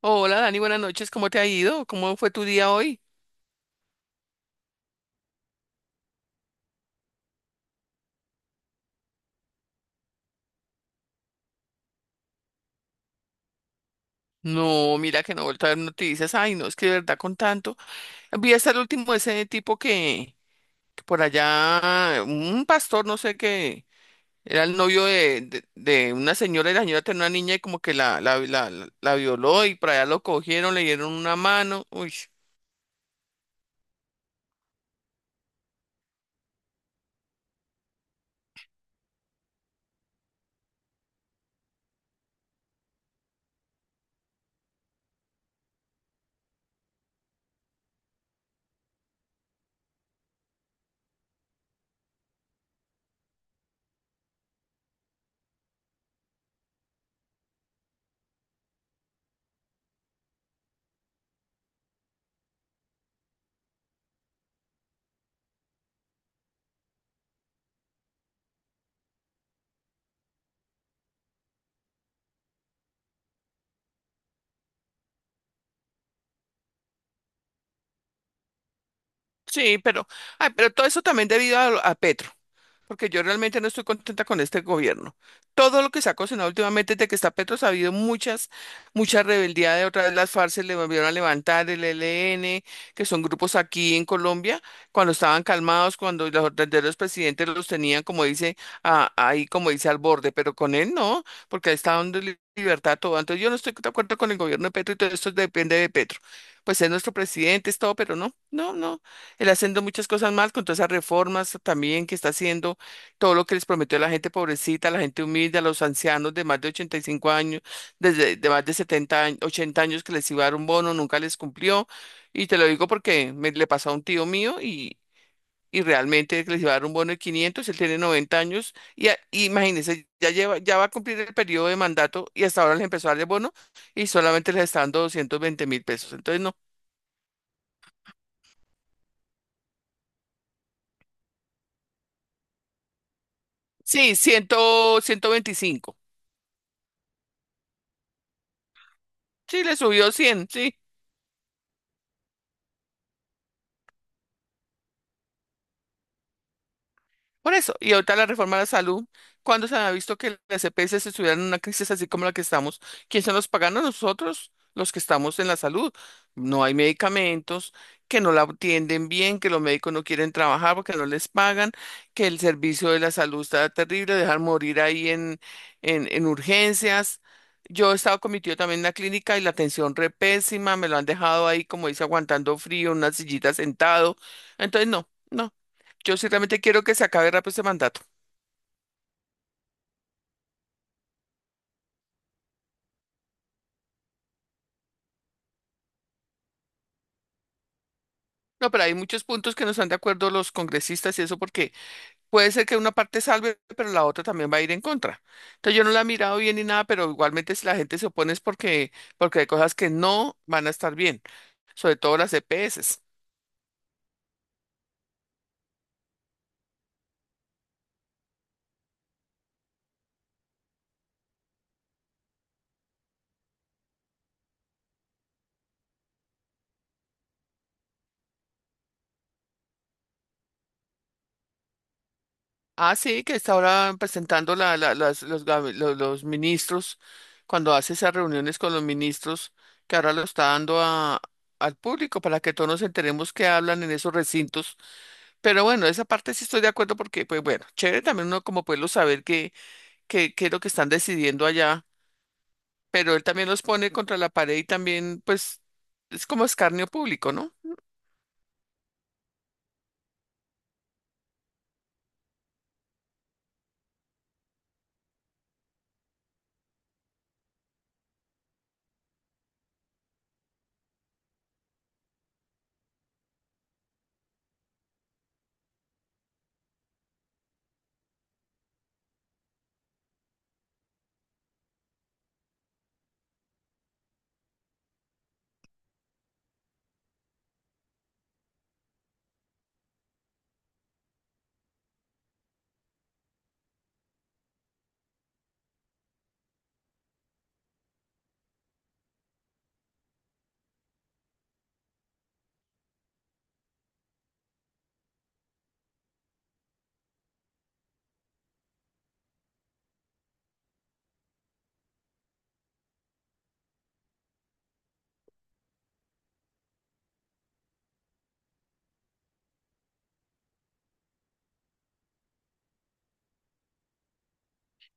Hola Dani, buenas noches, ¿cómo te ha ido? ¿Cómo fue tu día hoy? No, mira que no he vuelto a ver noticias. Ay, no, es que de verdad con tanto. Vi hasta el último ese tipo que por allá, un pastor, no sé qué, era el novio de una señora y la señora tenía una niña y como que la violó y por allá lo cogieron, le dieron una mano. Uy, sí, pero, ay, pero todo eso también debido a Petro. Porque yo realmente no estoy contenta con este gobierno. Todo lo que se ha cocinado últimamente desde que está Petro, ha habido mucha rebeldía, de otra vez las FARC se le volvieron a levantar, el E L N, que son grupos aquí en Colombia, cuando estaban calmados, cuando los verdaderos presidentes los tenían, como dice, ahí como dice al borde, pero con él no, porque ahí está dando libertad a todo. Entonces yo no estoy de acuerdo con el gobierno de Petro y todo esto depende de Petro. Pues es nuestro presidente, es todo, pero no, no, no. Él haciendo muchas cosas mal con todas esas reformas también que está haciendo, todo lo que les prometió a la gente pobrecita, a la gente humilde, a los ancianos de más de 85 años, desde de más de 70 años, 80 años, que les iba a dar un bono, nunca les cumplió. Y te lo digo porque me le pasó a un tío mío y realmente les iba a dar un bono de 500. Él tiene 90 años y, y imagínense, ya lleva, ya va a cumplir el periodo de mandato y hasta ahora les empezó a dar el bono y solamente les está dando 220.000 pesos. Entonces, no. Sí, cien, 125. Sí, le subió 100, sí. Por eso, y ahorita la reforma a la salud, cuando se ha visto que las EPS se estuvieran en una crisis así como la que estamos? ¿Quiénes son los paganos? Nosotros, los que estamos en la salud. No hay medicamentos, que no la atienden bien, que los médicos no quieren trabajar porque no les pagan, que el servicio de la salud está terrible, dejar morir ahí en, en urgencias. Yo he estado con mi tío también en la clínica y la atención re pésima, me lo han dejado ahí, como dice, aguantando frío, en una sillita sentado. Entonces, no. No, yo ciertamente quiero que se acabe rápido este mandato. No, pero hay muchos puntos que no están de acuerdo los congresistas y eso porque puede ser que una parte salve, pero la otra también va a ir en contra. Entonces yo no la he mirado bien ni nada, pero igualmente si la gente se opone es porque, porque hay cosas que no van a estar bien, sobre todo las EPS. Ah, sí, que está ahora presentando los ministros, cuando hace esas reuniones con los ministros, que ahora lo está dando a, al público para que todos nos enteremos qué hablan en esos recintos. Pero bueno, esa parte sí estoy de acuerdo porque, pues bueno, chévere también uno como pueblo saber qué, qué es lo que están decidiendo allá, pero él también los pone contra la pared y también, pues, es como escarnio público, ¿no?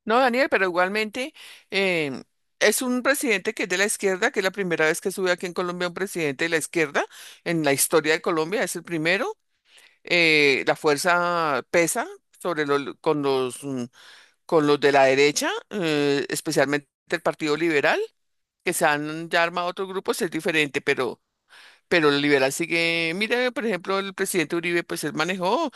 No, Daniel, pero igualmente em, es un presidente que es de la izquierda, que es la primera vez que sube aquí en Colombia un presidente de la izquierda en la historia de Colombia, es el primero. La fuerza pesa sobre los, con los, con los de la derecha, especialmente el Partido Liberal. Que se han ya armado otros grupos es diferente, pero el liberal sigue, mira, por ejemplo, el presidente Uribe, pues él manejó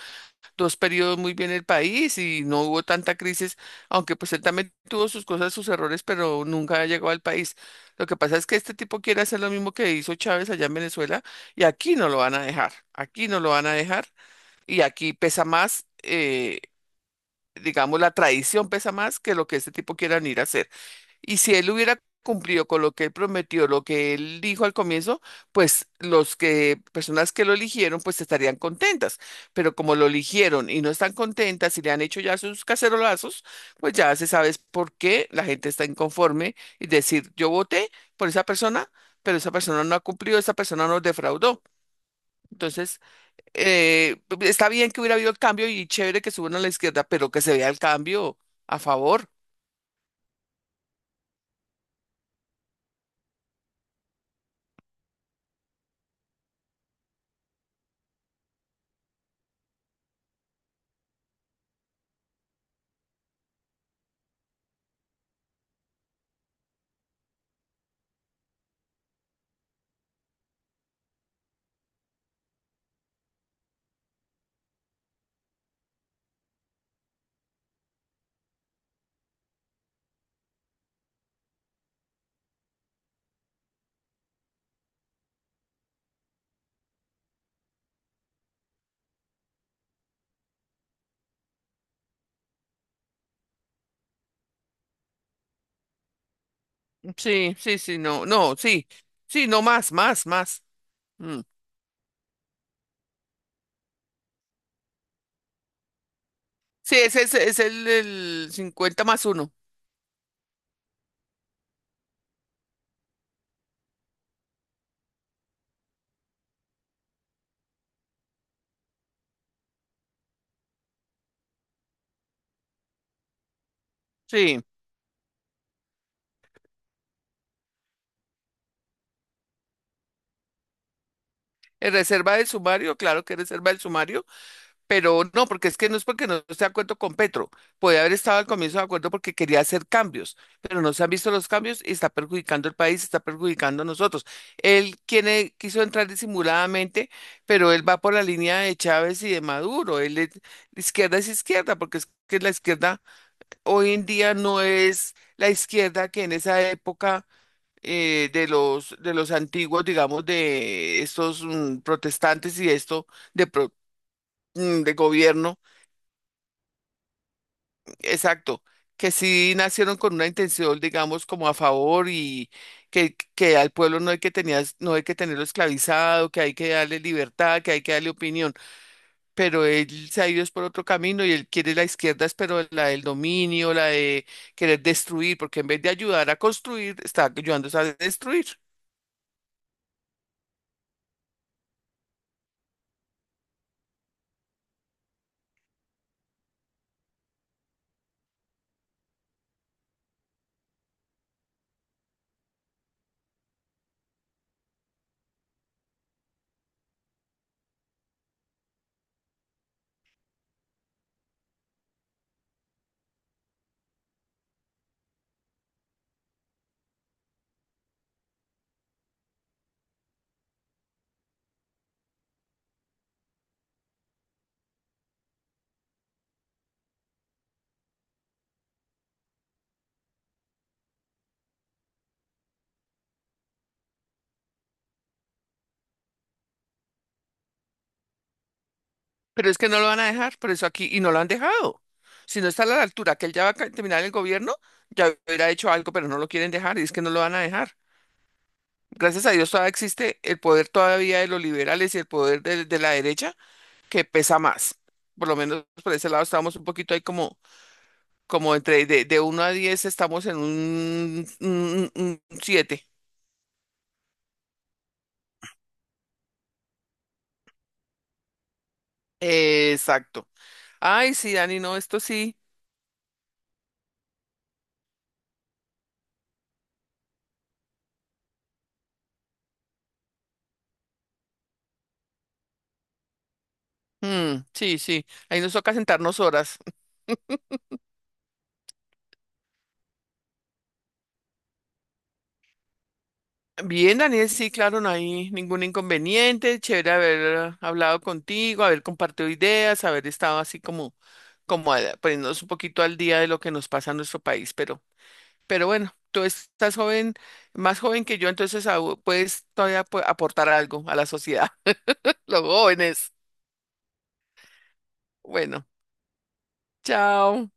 dos periodos muy bien el país y no hubo tanta crisis, aunque pues él también tuvo sus cosas, sus errores, pero nunca llegó al país. Lo que pasa es que este tipo quiere hacer lo mismo que hizo Chávez allá en Venezuela y aquí no lo van a dejar, aquí no lo van a dejar, y aquí pesa más, digamos, la tradición pesa más que lo que este tipo quiera ir a hacer. Y si él hubiera cumplido con lo que él prometió, lo que él dijo al comienzo, pues los que, personas que lo eligieron, pues estarían contentas. Pero como lo eligieron y no están contentas y le han hecho ya sus cacerolazos, pues ya se sabe es por qué la gente está inconforme y decir, yo voté por esa persona, pero esa persona no ha cumplido, esa persona nos defraudó. Entonces, está bien que hubiera habido el cambio y chévere que suban a la izquierda, pero que se vea el cambio a favor. Sí, sí, sí, no, no, sí, sí, no más, más, más. Mm. Sí, ese es el 50 más uno. Sí, en reserva del sumario, claro que es reserva del sumario, pero no, porque es que no es porque no esté de acuerdo con Petro. Puede haber estado al comienzo de acuerdo porque quería hacer cambios, pero no se han visto los cambios y está perjudicando el país, está perjudicando a nosotros. Él quiere, quiso entrar disimuladamente, pero él va por la línea de Chávez y de Maduro. Él es, la izquierda es izquierda, porque es que la izquierda hoy en día no es la izquierda que en esa época, de los antiguos, digamos, de estos, protestantes y esto de pro- de gobierno, exacto, que sí nacieron con una intención, digamos, como a favor y que al pueblo no hay que no hay que tenerlo esclavizado, que hay que darle libertad, que hay que darle opinión. Pero él se ha ido es por otro camino y él quiere la izquierda, es pero la del dominio, la de querer destruir, porque en vez de ayudar a construir, está ayudando a destruir. Pero es que no lo van a dejar, por eso aquí, y no lo han dejado. Si no está a la altura, que él ya va a terminar el gobierno, ya hubiera hecho algo, pero no lo quieren dejar, y es que no lo van a dejar. Gracias a Dios todavía existe el poder todavía de los liberales y el poder de la derecha, que pesa más. Por lo menos por ese lado estábamos un poquito ahí como, como entre de 1 a 10 estamos en un, 7. Exacto. Ay, sí, Dani, no, esto sí. Mm, sí, sí. Ahí nos toca sentarnos horas. Bien, Daniel, sí, claro, no hay ningún inconveniente. Chévere haber hablado contigo, haber compartido ideas, haber estado así como, como poniéndonos un poquito al día de lo que nos pasa en nuestro país. Pero bueno, tú estás joven, más joven que yo, entonces puedes todavía aportar algo a la sociedad, los jóvenes. Bueno, chao.